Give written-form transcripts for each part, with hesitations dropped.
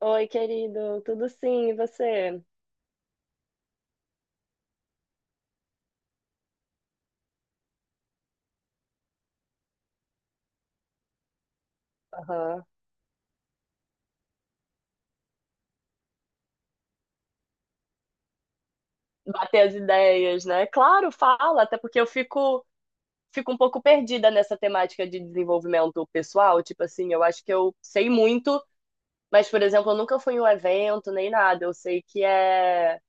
Oi, querido, tudo sim, e você? Aham. Bater as ideias, né? Claro, fala, até porque eu fico um pouco perdida nessa temática de desenvolvimento pessoal. Tipo assim, eu acho que eu sei muito, mas, por exemplo, eu nunca fui em um evento nem nada. Eu sei que é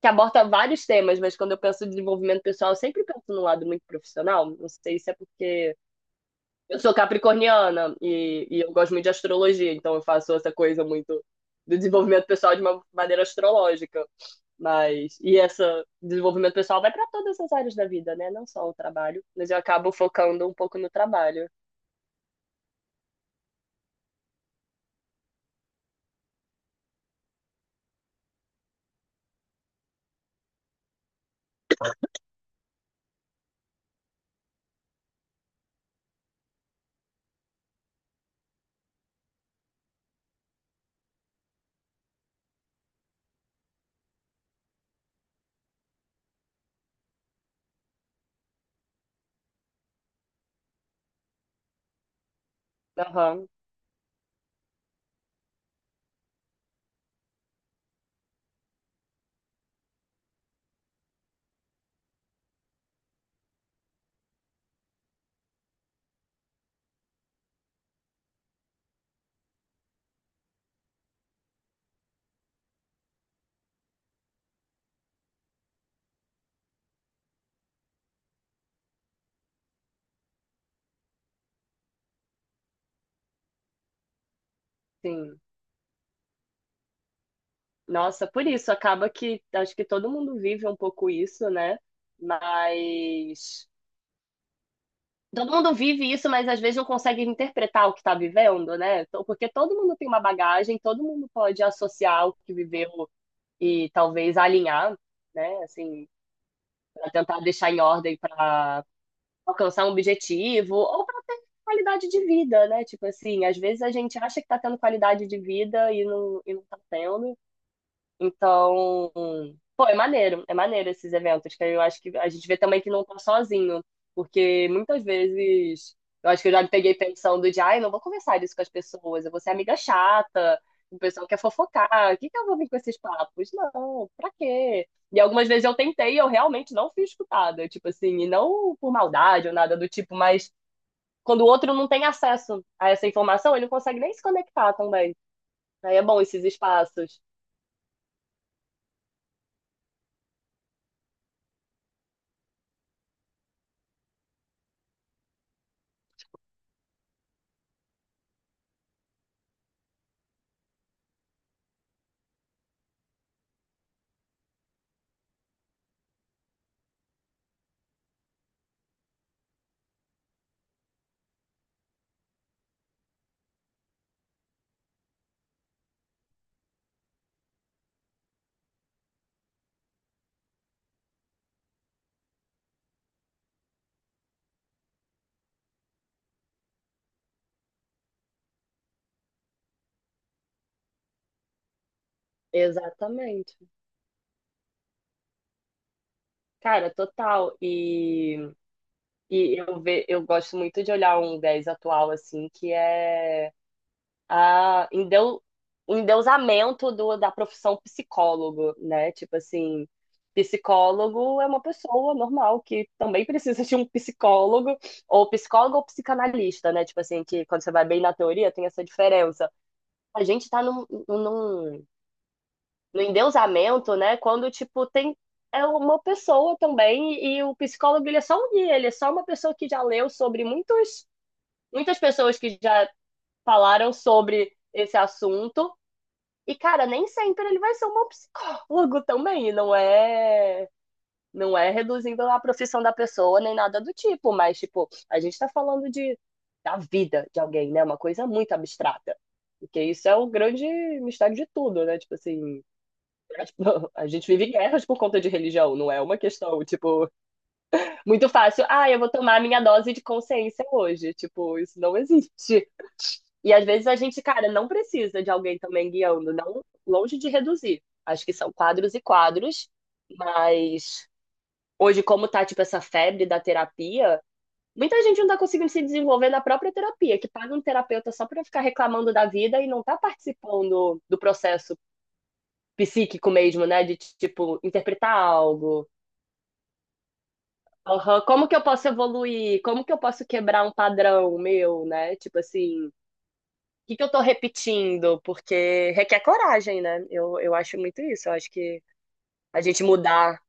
que aborda vários temas, mas quando eu penso em desenvolvimento pessoal, eu sempre penso num lado muito profissional. Não sei se é porque eu sou capricorniana e eu gosto muito de astrologia, então eu faço essa coisa muito do desenvolvimento pessoal de uma maneira astrológica. Mas, e esse desenvolvimento pessoal vai para todas as áreas da vida, né? Não só o trabalho, mas eu acabo focando um pouco no trabalho. Aham, sim. Nossa, por isso, acaba que acho que todo mundo vive um pouco isso, né? Mas. Todo mundo vive isso, mas às vezes não consegue interpretar o que está vivendo, né? Então, porque todo mundo tem uma bagagem, todo mundo pode associar o que viveu e talvez alinhar, né? Assim, para tentar deixar em ordem para alcançar um objetivo ou para ter qualidade de vida, né? Tipo assim, às vezes a gente acha que está tendo qualidade de vida e não, tá tendo. Então, pô, é maneiro esses eventos, que eu acho que a gente vê também que não tá sozinho, porque muitas vezes eu acho que eu já me peguei pensando de, ai, não vou conversar isso com as pessoas, eu vou ser amiga chata, o pessoal quer fofocar, o que que eu vou vir com esses papos? Não, pra quê? E algumas vezes eu tentei e eu realmente não fui escutada, tipo assim, e não por maldade ou nada do tipo, mas quando o outro não tem acesso a essa informação, ele não consegue nem se conectar também. Aí é bom esses espaços. Exatamente. Cara, total. E eu gosto muito de olhar um 10 atual, assim, que é a endeu, o endeusamento do, da profissão psicólogo, né? Tipo assim, psicólogo é uma pessoa normal que também precisa de um psicólogo, ou psicólogo ou psicanalista, né? Tipo assim, que quando você vai bem na teoria tem essa diferença. A gente tá num, num no endeusamento, né? Quando, tipo, tem é uma pessoa também, e o psicólogo ele é só um guia, ele é só uma pessoa que já leu sobre muitas pessoas que já falaram sobre esse assunto. E, cara, nem sempre ele vai ser um bom psicólogo também, não é. Não é reduzindo a profissão da pessoa nem nada do tipo, mas, tipo, a gente tá falando de, da vida de alguém, né? Uma coisa muito abstrata. Porque isso é o grande mistério de tudo, né? Tipo assim, tipo, a gente vive guerras por conta de religião, não é uma questão, tipo, muito fácil. Ah, eu vou tomar a minha dose de consciência hoje. Tipo, isso não existe. E às vezes a gente, cara, não precisa de alguém também guiando, não longe de reduzir. Acho que são quadros e quadros, mas hoje, como tá, tipo, essa febre da terapia, muita gente não tá conseguindo se desenvolver na própria terapia, que paga um terapeuta só pra ficar reclamando da vida e não tá participando do processo psíquico mesmo, né? De, tipo, interpretar algo. Aham, como que eu posso evoluir? Como que eu posso quebrar um padrão meu, né? Tipo assim, o que que eu tô repetindo? Porque requer coragem, né? Eu acho muito isso. Eu acho que a gente mudar,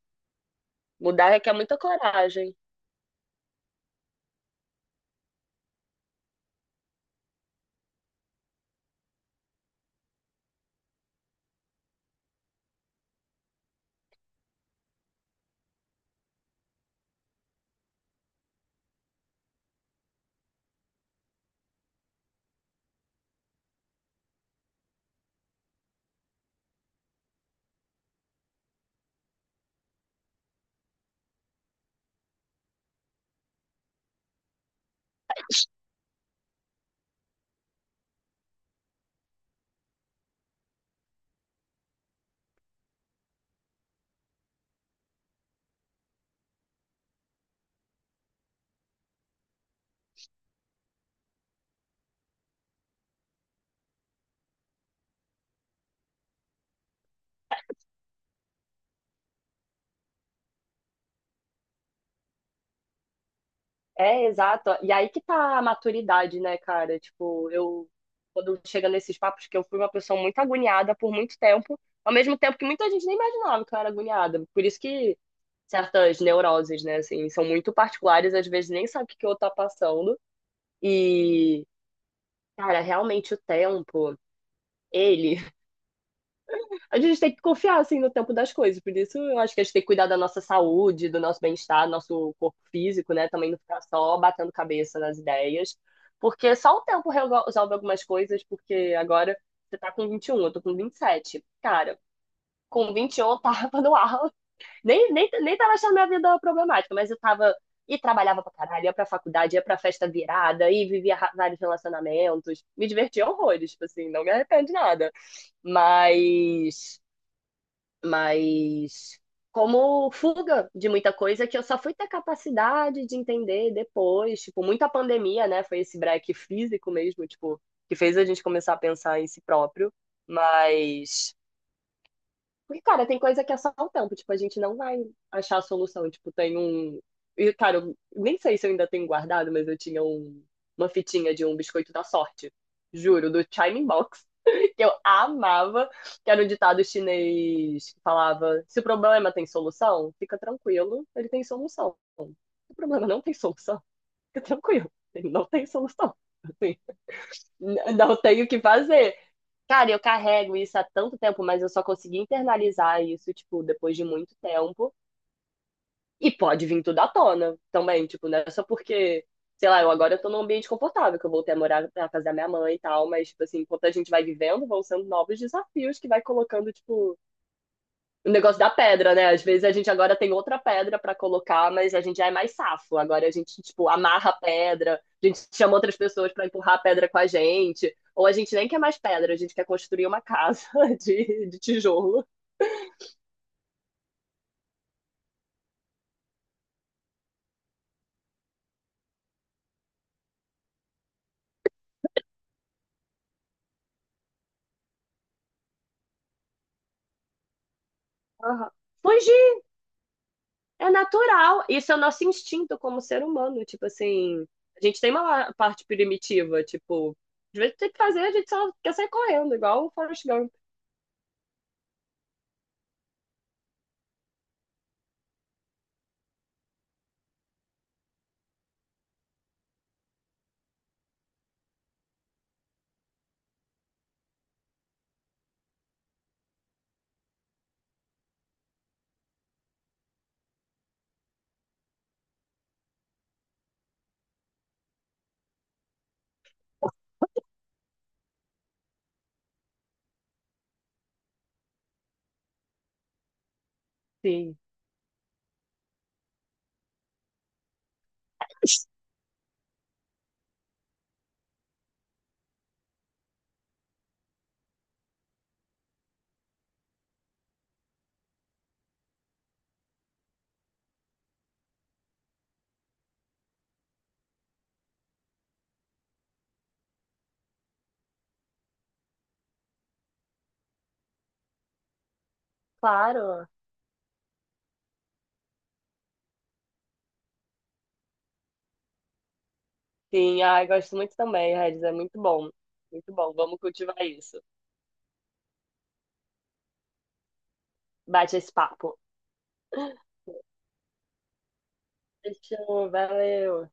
mudar requer muita coragem. É, exato. E aí que tá a maturidade, né, cara? Tipo, eu, quando chega nesses papos, que eu fui uma pessoa muito agoniada por muito tempo, ao mesmo tempo que muita gente nem imaginava que eu era agoniada. Por isso que certas neuroses, né, assim, são muito particulares, às vezes nem sabe o que que o outro tá passando. E, cara, realmente o tempo, ele. A gente tem que confiar, assim, no tempo das coisas. Por isso, eu acho que a gente tem que cuidar da nossa saúde, do nosso bem-estar, do nosso corpo físico, né? Também não ficar só batendo cabeça nas ideias. Porque só o tempo resolve algumas coisas, porque agora você tá com 21, eu tô com 27. Cara, com 21 eu tava no ar. Nem tava achando minha vida problemática, mas eu tava. E trabalhava pra caralho, ia pra faculdade, ia pra festa virada, e vivia vários relacionamentos. Me divertia horrores, tipo assim, não me arrependo de nada. Mas. Mas. Como fuga de muita coisa que eu só fui ter capacidade de entender depois. Tipo, muita pandemia, né? Foi esse break físico mesmo, tipo, que fez a gente começar a pensar em si próprio. Mas. Porque, cara, tem coisa que é só o tempo. Tipo, a gente não vai achar a solução. Tipo, tem um. E, cara, eu nem sei se eu ainda tenho guardado, mas eu tinha um uma fitinha de um biscoito da sorte. Juro, do Chiming Box. Que eu amava. Que era um ditado chinês que falava: se o problema tem solução, fica tranquilo, ele tem solução. Se o problema não tem solução, fica tranquilo, ele não tem solução. Assim, não tem o que fazer. Cara, eu carrego isso há tanto tempo, mas eu só consegui internalizar isso, tipo, depois de muito tempo. E pode vir tudo à tona também, tipo, não é só porque, sei lá, eu agora eu tô num ambiente confortável, que eu voltei a morar pra casa da minha mãe e tal, mas, tipo assim, enquanto a gente vai vivendo, vão sendo novos desafios que vai colocando, tipo, o negócio da pedra, né? Às vezes a gente agora tem outra pedra para colocar, mas a gente já é mais safo. Agora a gente, tipo, amarra a pedra, a gente chama outras pessoas para empurrar a pedra com a gente, ou a gente nem quer mais pedra, a gente quer construir uma casa de tijolo. Uhum. Fugir é natural. Isso é o nosso instinto como ser humano. Tipo assim, a gente tem uma parte primitiva, tipo, às vezes tem que fazer, a gente só quer sair correndo, igual o Forrest Gump. Sim. Claro. Sim, ai, gosto muito também, Regis. É muito bom. Muito bom. Vamos cultivar isso. Bate esse papo. Fechou, valeu.